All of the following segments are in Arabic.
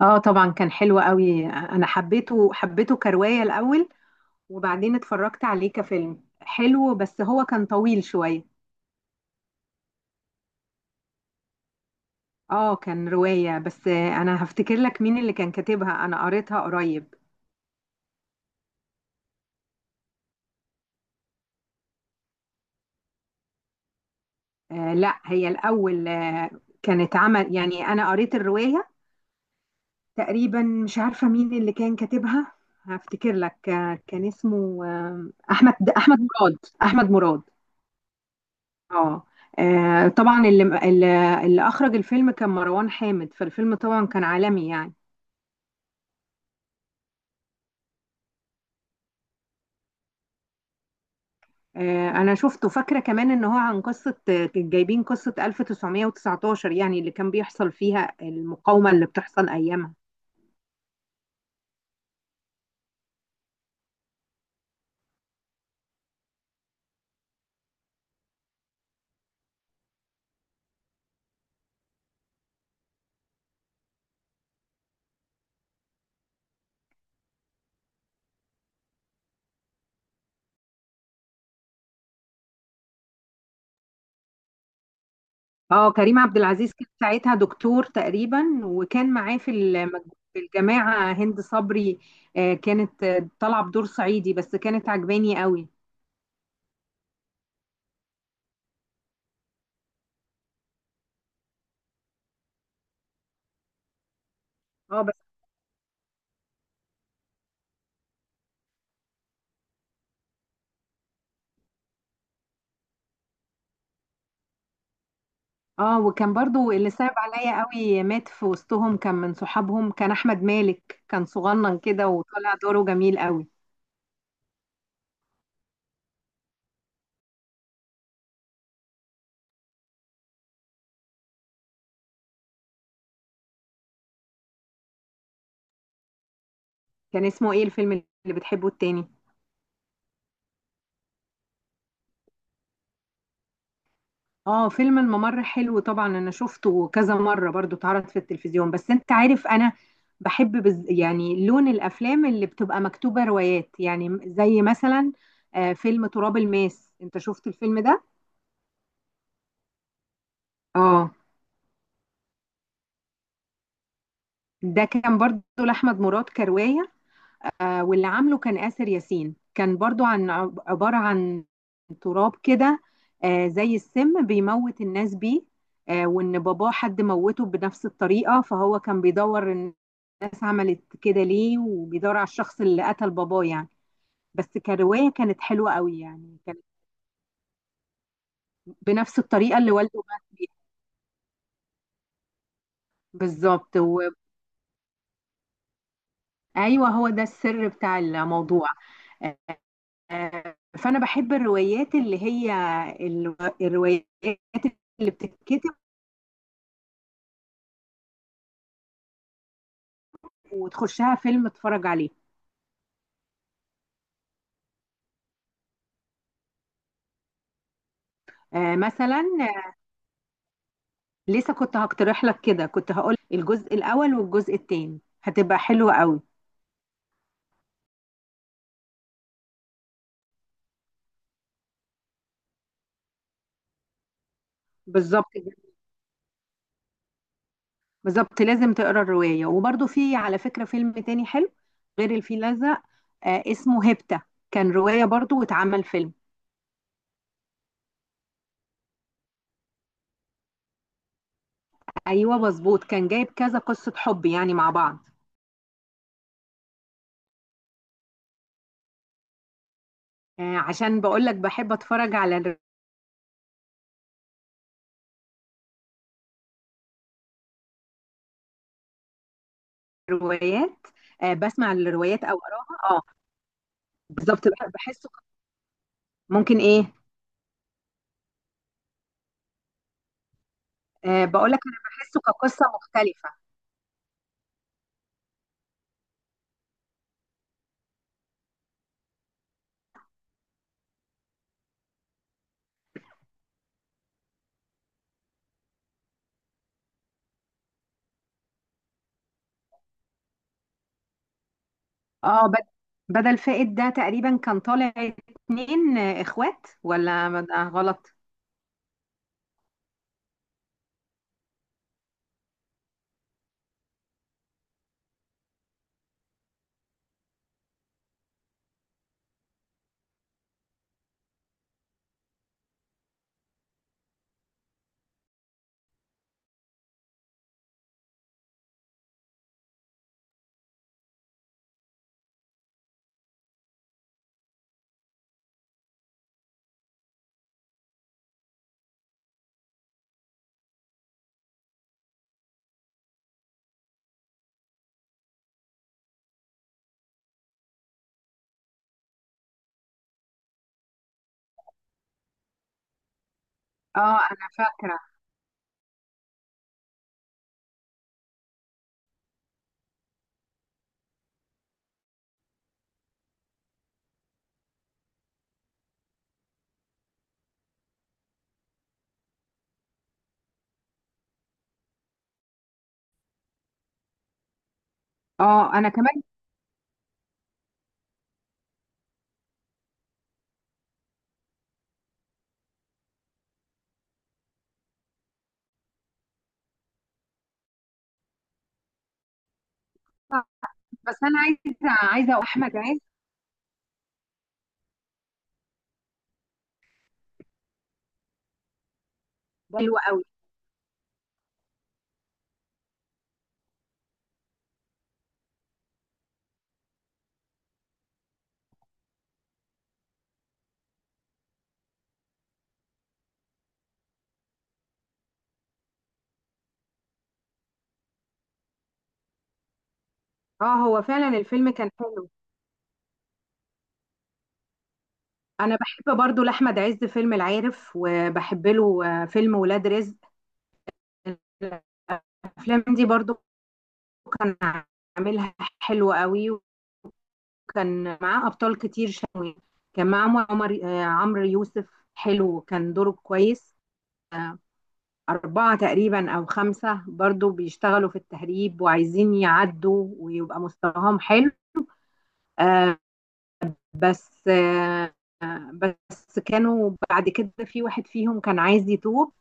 اه طبعا كان حلو قوي، انا حبيته كرواية الاول، وبعدين اتفرجت عليه كفيلم حلو بس هو كان طويل شوية. اه كان رواية بس انا هفتكر لك مين اللي كان كاتبها، انا قريتها قريب. لا، هي الاول كانت عمل يعني، انا قريت الرواية تقريبا. مش عارفة مين اللي كان كاتبها، هفتكر لك كان اسمه احمد مراد، احمد مراد. اه طبعا اللي اخرج الفيلم كان مروان حامد، فالفيلم طبعا كان عالمي يعني. انا شفته، فاكره كمان ان هو عن قصه، جايبين قصه 1919 يعني، اللي كان بيحصل فيها المقاومه اللي بتحصل ايامها. اه، كريم عبد العزيز كان ساعتها دكتور تقريبا، وكان معاه في في الجماعه هند صبري. كانت طالعه بدور صعيدي بس كانت عجباني قوي. اه اه، وكان برضو اللي صعب عليا قوي مات في وسطهم، كان من صحابهم، كان احمد مالك، كان صغنن كده وطلع دوره جميل قوي. كان اسمه ايه الفيلم اللي بتحبه التاني؟ اه فيلم الممر حلو طبعا، انا شفته كذا مرة، برضو اتعرض في التلفزيون. بس انت عارف انا بحب يعني لون الافلام اللي بتبقى مكتوبة روايات، يعني زي مثلا فيلم تراب الماس. انت شفت الفيلم ده؟ اه ده كان برضو لاحمد مراد كرواية، واللي عامله كان آسر ياسين، كان برضو عن، عبارة عن تراب كده، زي السم بيموت الناس بيه. وإن باباه حد موته بنفس الطريقة، فهو كان بيدور الناس عملت كده ليه، وبيدور على الشخص اللي قتل باباه يعني. بس كرواية كانت حلوة قوي يعني، كانت بنفس الطريقة اللي والده مات بيها. بالظبط ايوه، هو ده السر بتاع الموضوع. فانا بحب الروايات اللي هي الروايات اللي بتتكتب وتخشها فيلم اتفرج عليه. مثلا، لسه كنت هقترح لك كده، كنت هقول الجزء الاول والجزء الثاني هتبقى حلوه قوي. بالظبط كده. بالظبط لازم تقرا الروايه، وبرده في على فكره فيلم تاني حلو غير الفيل الازرق، اسمه هيبتا، كان روايه برضه واتعمل فيلم. ايوه مظبوط، كان جايب كذا قصه حب يعني مع بعض. عشان بقول لك بحب اتفرج على روايات. بسمع الروايات او اقراها، اه. بالظبط، بحسه ممكن ايه. بقول لك انا بحسه كقصه مختلفه. اه، بدل فائد ده تقريبا كان طالع اتنين اخوات، ولا غلط. اه انا فاكره. اه انا كمان، بس انا عايزه أقول احمد عز ده حلو قوي. اه هو فعلا الفيلم كان حلو. انا بحب برضو لاحمد عز فيلم العارف، وبحب له فيلم ولاد رزق. الافلام دي برضو كان عاملها حلوة قوي، وكان معاه أبطال كتير شوي. كان معاه عمرو يوسف، حلو كان دوره كويس. أربعة تقريبا أو خمسة برضو بيشتغلوا في التهريب، وعايزين يعدوا ويبقى مستواهم حلو. آه بس آه آه، بس كانوا بعد كده في واحد فيهم كان عايز يتوب،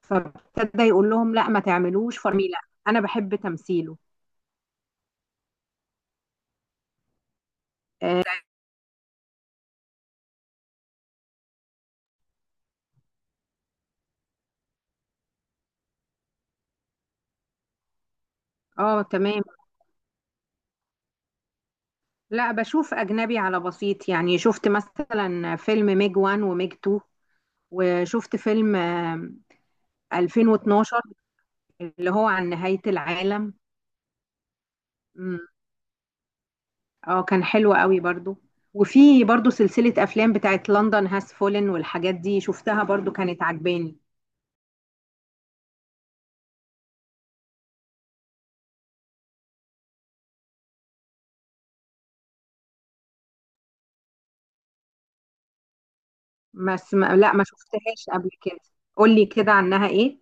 فابتدى يقول لهم لا ما تعملوش فرميلة. أنا بحب تمثيله. اه تمام. لا، بشوف أجنبي على بسيط، يعني شفت مثلا فيلم ميج 1 وميج 2، وشفت فيلم 2012 اللي هو عن نهاية العالم. مم. اه كان حلو قوي برضو. وفي برضو سلسلة أفلام بتاعت لندن هاس فولن والحاجات دي، شفتها برضو كانت عجباني. بس ما لا، ما شفتهاش قبل كده، قولي كده عنها ايه.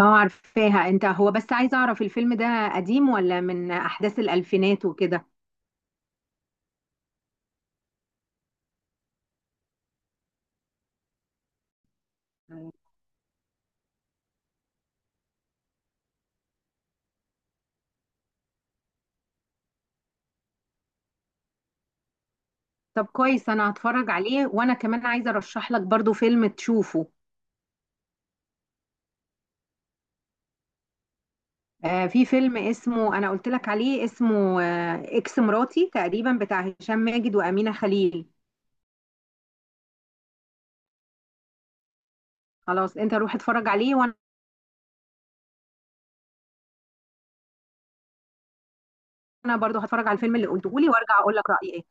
اه عارفاها، انت هو بس عايزة أعرف الفيلم ده قديم ولا من أحداث الألفينات وكده. طب كويس، انا هتفرج عليه. وانا كمان عايزه ارشح لك برضو فيلم تشوفه، في فيلم اسمه، انا قلت لك عليه، اسمه اكس مراتي تقريبا، بتاع هشام ماجد وامينه خليل. خلاص، انت روح اتفرج عليه، وانا برضو هتفرج على الفيلم اللي قلته لي وارجع اقول لك رايي ايه.